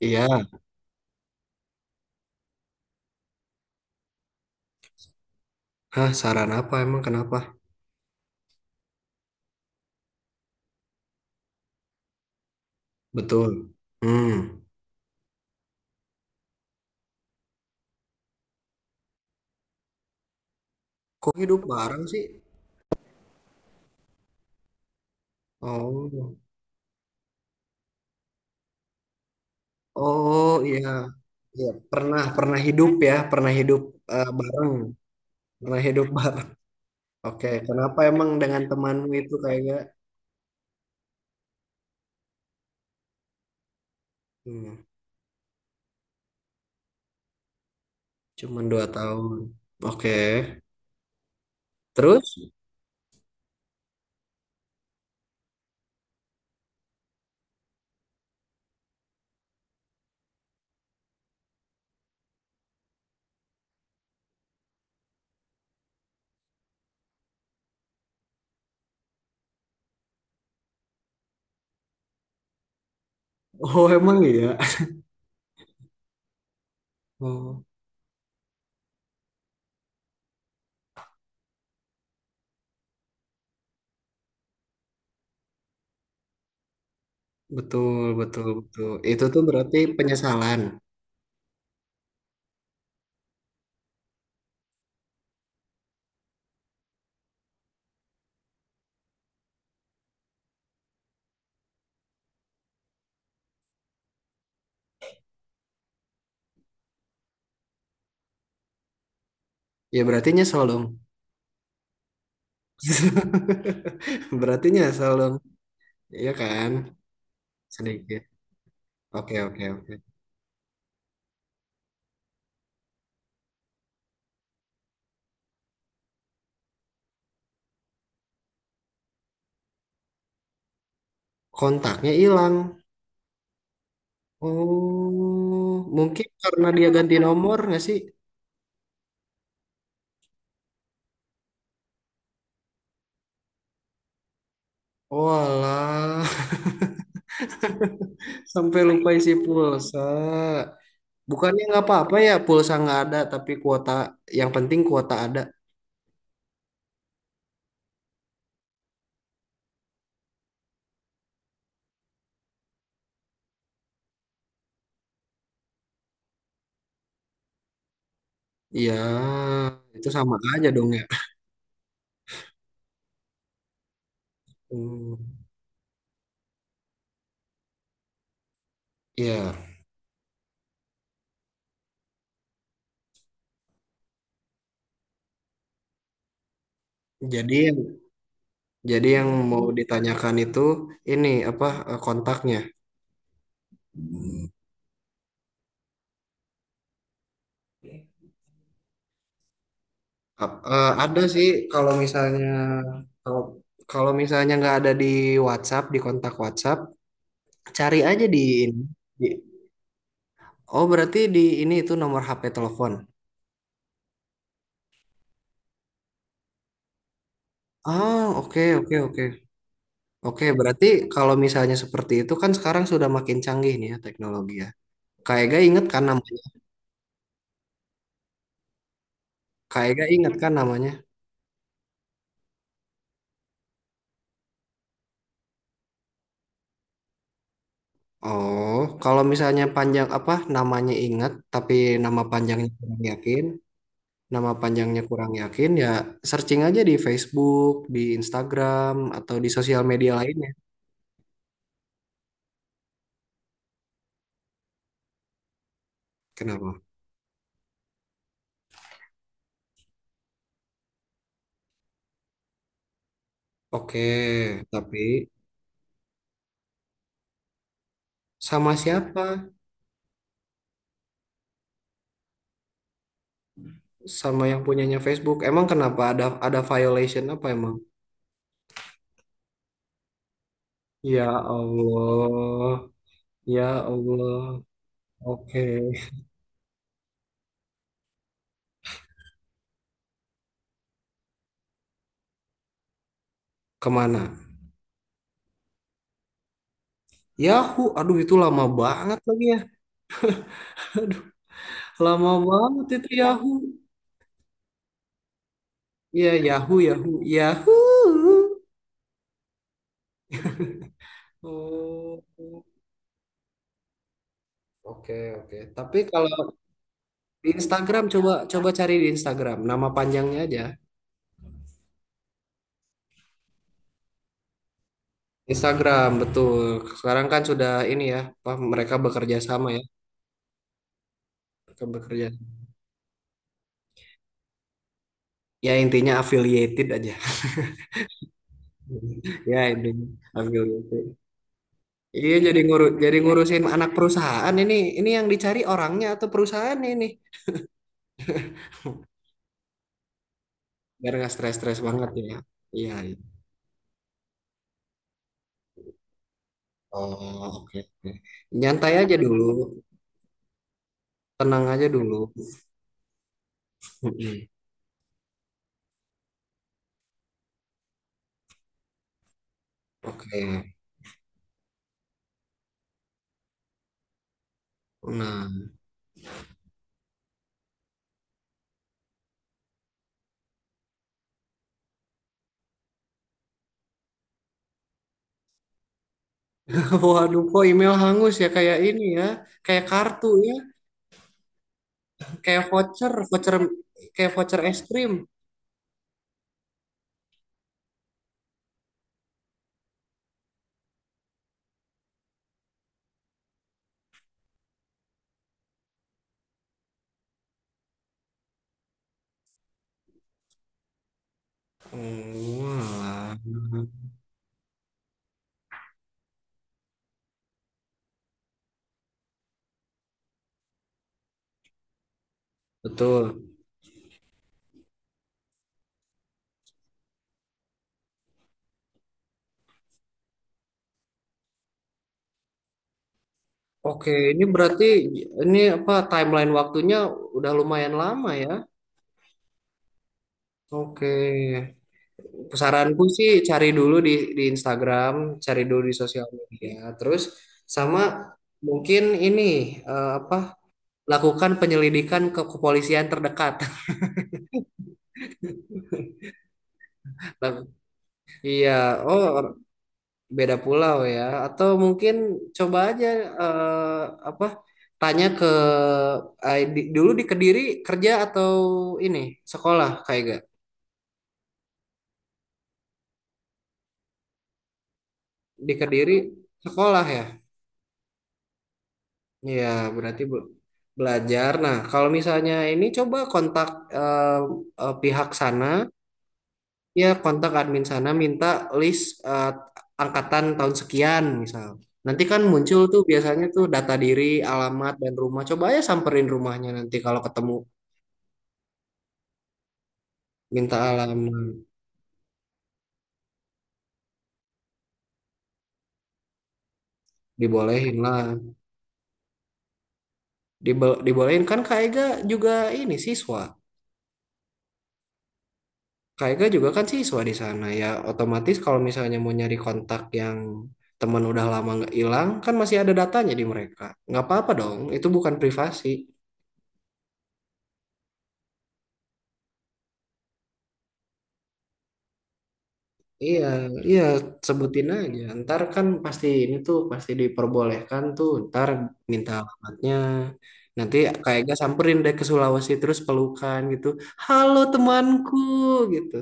Iya. Hah, saran apa emang kenapa? Betul. Hmm. Kok hidup bareng sih? Oh. Oh, iya. Iya, pernah pernah hidup ya, pernah hidup bareng, pernah hidup bareng. Oke, kenapa emang dengan temanmu itu kayaknya hmm, cuman dua tahun. Oke. Terus? Oh, emang iya. Oh, betul, betul, betul. Itu tuh berarti penyesalan. Ya berarti nyesel dong. Berarti nyesel dong. Iya kan? Sedikit. Oke, oke, oke. Kontaknya hilang. Oh, mungkin karena dia ganti nomor nggak sih? Walah, sampai lupa isi pulsa. Bukannya nggak apa-apa ya pulsa nggak ada, tapi kuota yang penting kuota ada. Ya itu sama aja dong ya. Hmm. Iya. Jadi, jadi yang mau ditanyakan itu ini apa kontaknya? Ada sih kalau misalnya kalau kalau misalnya nggak ada di WhatsApp, di kontak WhatsApp, cari aja di ini di, oh berarti di ini itu nomor HP telepon. Ah, oke, oke, oke, oke. Berarti kalau misalnya seperti itu kan sekarang sudah makin canggih nih ya teknologi ya. Kak Ega inget kan namanya. Kak Ega inget kan namanya. Oh, kalau misalnya panjang apa namanya inget tapi nama panjangnya kurang yakin, nama panjangnya kurang yakin, ya searching aja di Facebook, di Instagram, atau di sosial media lainnya. Kenapa? Oke, tapi sama siapa? Sama yang punyanya Facebook. Emang kenapa, ada violation apa emang? Ya Allah, ya Allah. Oke. Kemana? Yahoo, aduh itu lama banget lagi ya. Aduh, lama banget itu Yahoo. Ya Yahoo, Yahoo, Yahoo. Oh, oke, oke. Tapi kalau di Instagram, coba coba cari di Instagram nama panjangnya aja. Instagram betul. Sekarang kan sudah ini ya, apa mereka bekerja sama ya, mereka bekerja. Ya intinya affiliated aja. Ya intinya affiliated. Iya jadi ngurus, jadi ngurusin anak perusahaan ini yang dicari orangnya atau perusahaan ini, biar nggak stres-stres banget ya. Iya, iya. Oh oke, oke. Nyantai aja dulu, tenang aja dulu. Oke. Nah. Waduh, kok email hangus ya, kayak ini ya, kayak kartu ya, kayak voucher, voucher, kayak voucher es krim. Oh, alah. Betul. Oke, ini berarti ini apa timeline waktunya udah lumayan lama ya. Oke. Saranku sih cari dulu di Instagram, cari dulu di sosial media, terus sama mungkin ini apa lakukan penyelidikan ke kepolisian terdekat. Laku- Iya, oh beda pulau ya, atau mungkin coba aja eh, apa tanya ke dulu di Kediri kerja atau ini sekolah kayak gak, di Kediri sekolah ya, iya berarti bu belajar. Nah, kalau misalnya ini, coba kontak eh, pihak sana, ya kontak admin sana, minta list eh, angkatan tahun sekian misal. Nanti kan muncul tuh biasanya tuh data diri, alamat, dan rumah. Coba aja samperin rumahnya nanti kalau ketemu. Minta alamat. Dibolehin lah. Dibolehin, kan Kak Ega juga ini siswa. Kak Ega juga kan siswa di sana, ya otomatis kalau misalnya mau nyari kontak yang teman udah lama nggak hilang kan masih ada datanya di mereka, nggak apa-apa dong, itu bukan privasi. Iya, iya, sebutin aja. Ntar kan pasti ini tuh pasti diperbolehkan tuh. Ntar minta alamatnya. Nanti kayak gak samperin deh ke Sulawesi terus pelukan gitu. Halo temanku gitu.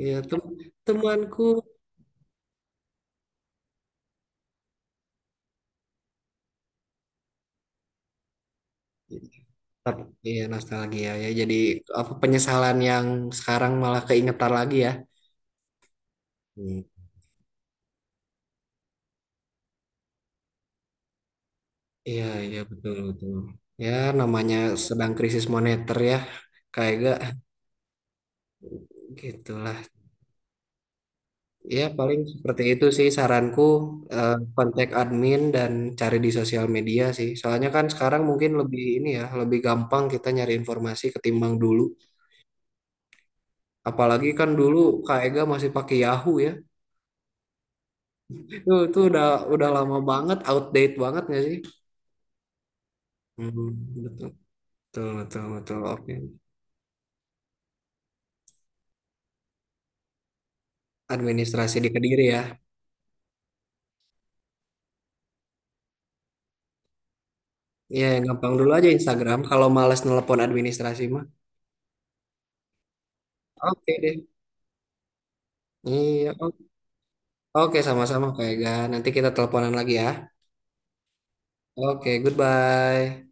Iya, tem- temanku. Ntar, iya nostalgia ya, jadi apa penyesalan yang sekarang malah keingetan lagi ya. Hmm. Iya iya, betul betul, ya namanya sedang krisis moneter ya kayak gak gitulah. Ya paling seperti itu sih saranku, kontak admin dan cari di sosial media sih, soalnya kan sekarang mungkin lebih ini ya, lebih gampang kita nyari informasi ketimbang dulu, apalagi kan dulu Kak Ega masih pakai Yahoo ya. Itu udah lama banget, outdate banget nggak sih? Hmm, betul. Betul, betul, betul. Oke. Administrasi di Kediri ya. Iya, yang gampang dulu aja Instagram. Kalau males nelpon administrasi mah. Oke deh. Iya, o- oke. Sama-sama, Kak Ega. Nanti kita teleponan lagi ya. Oke, goodbye.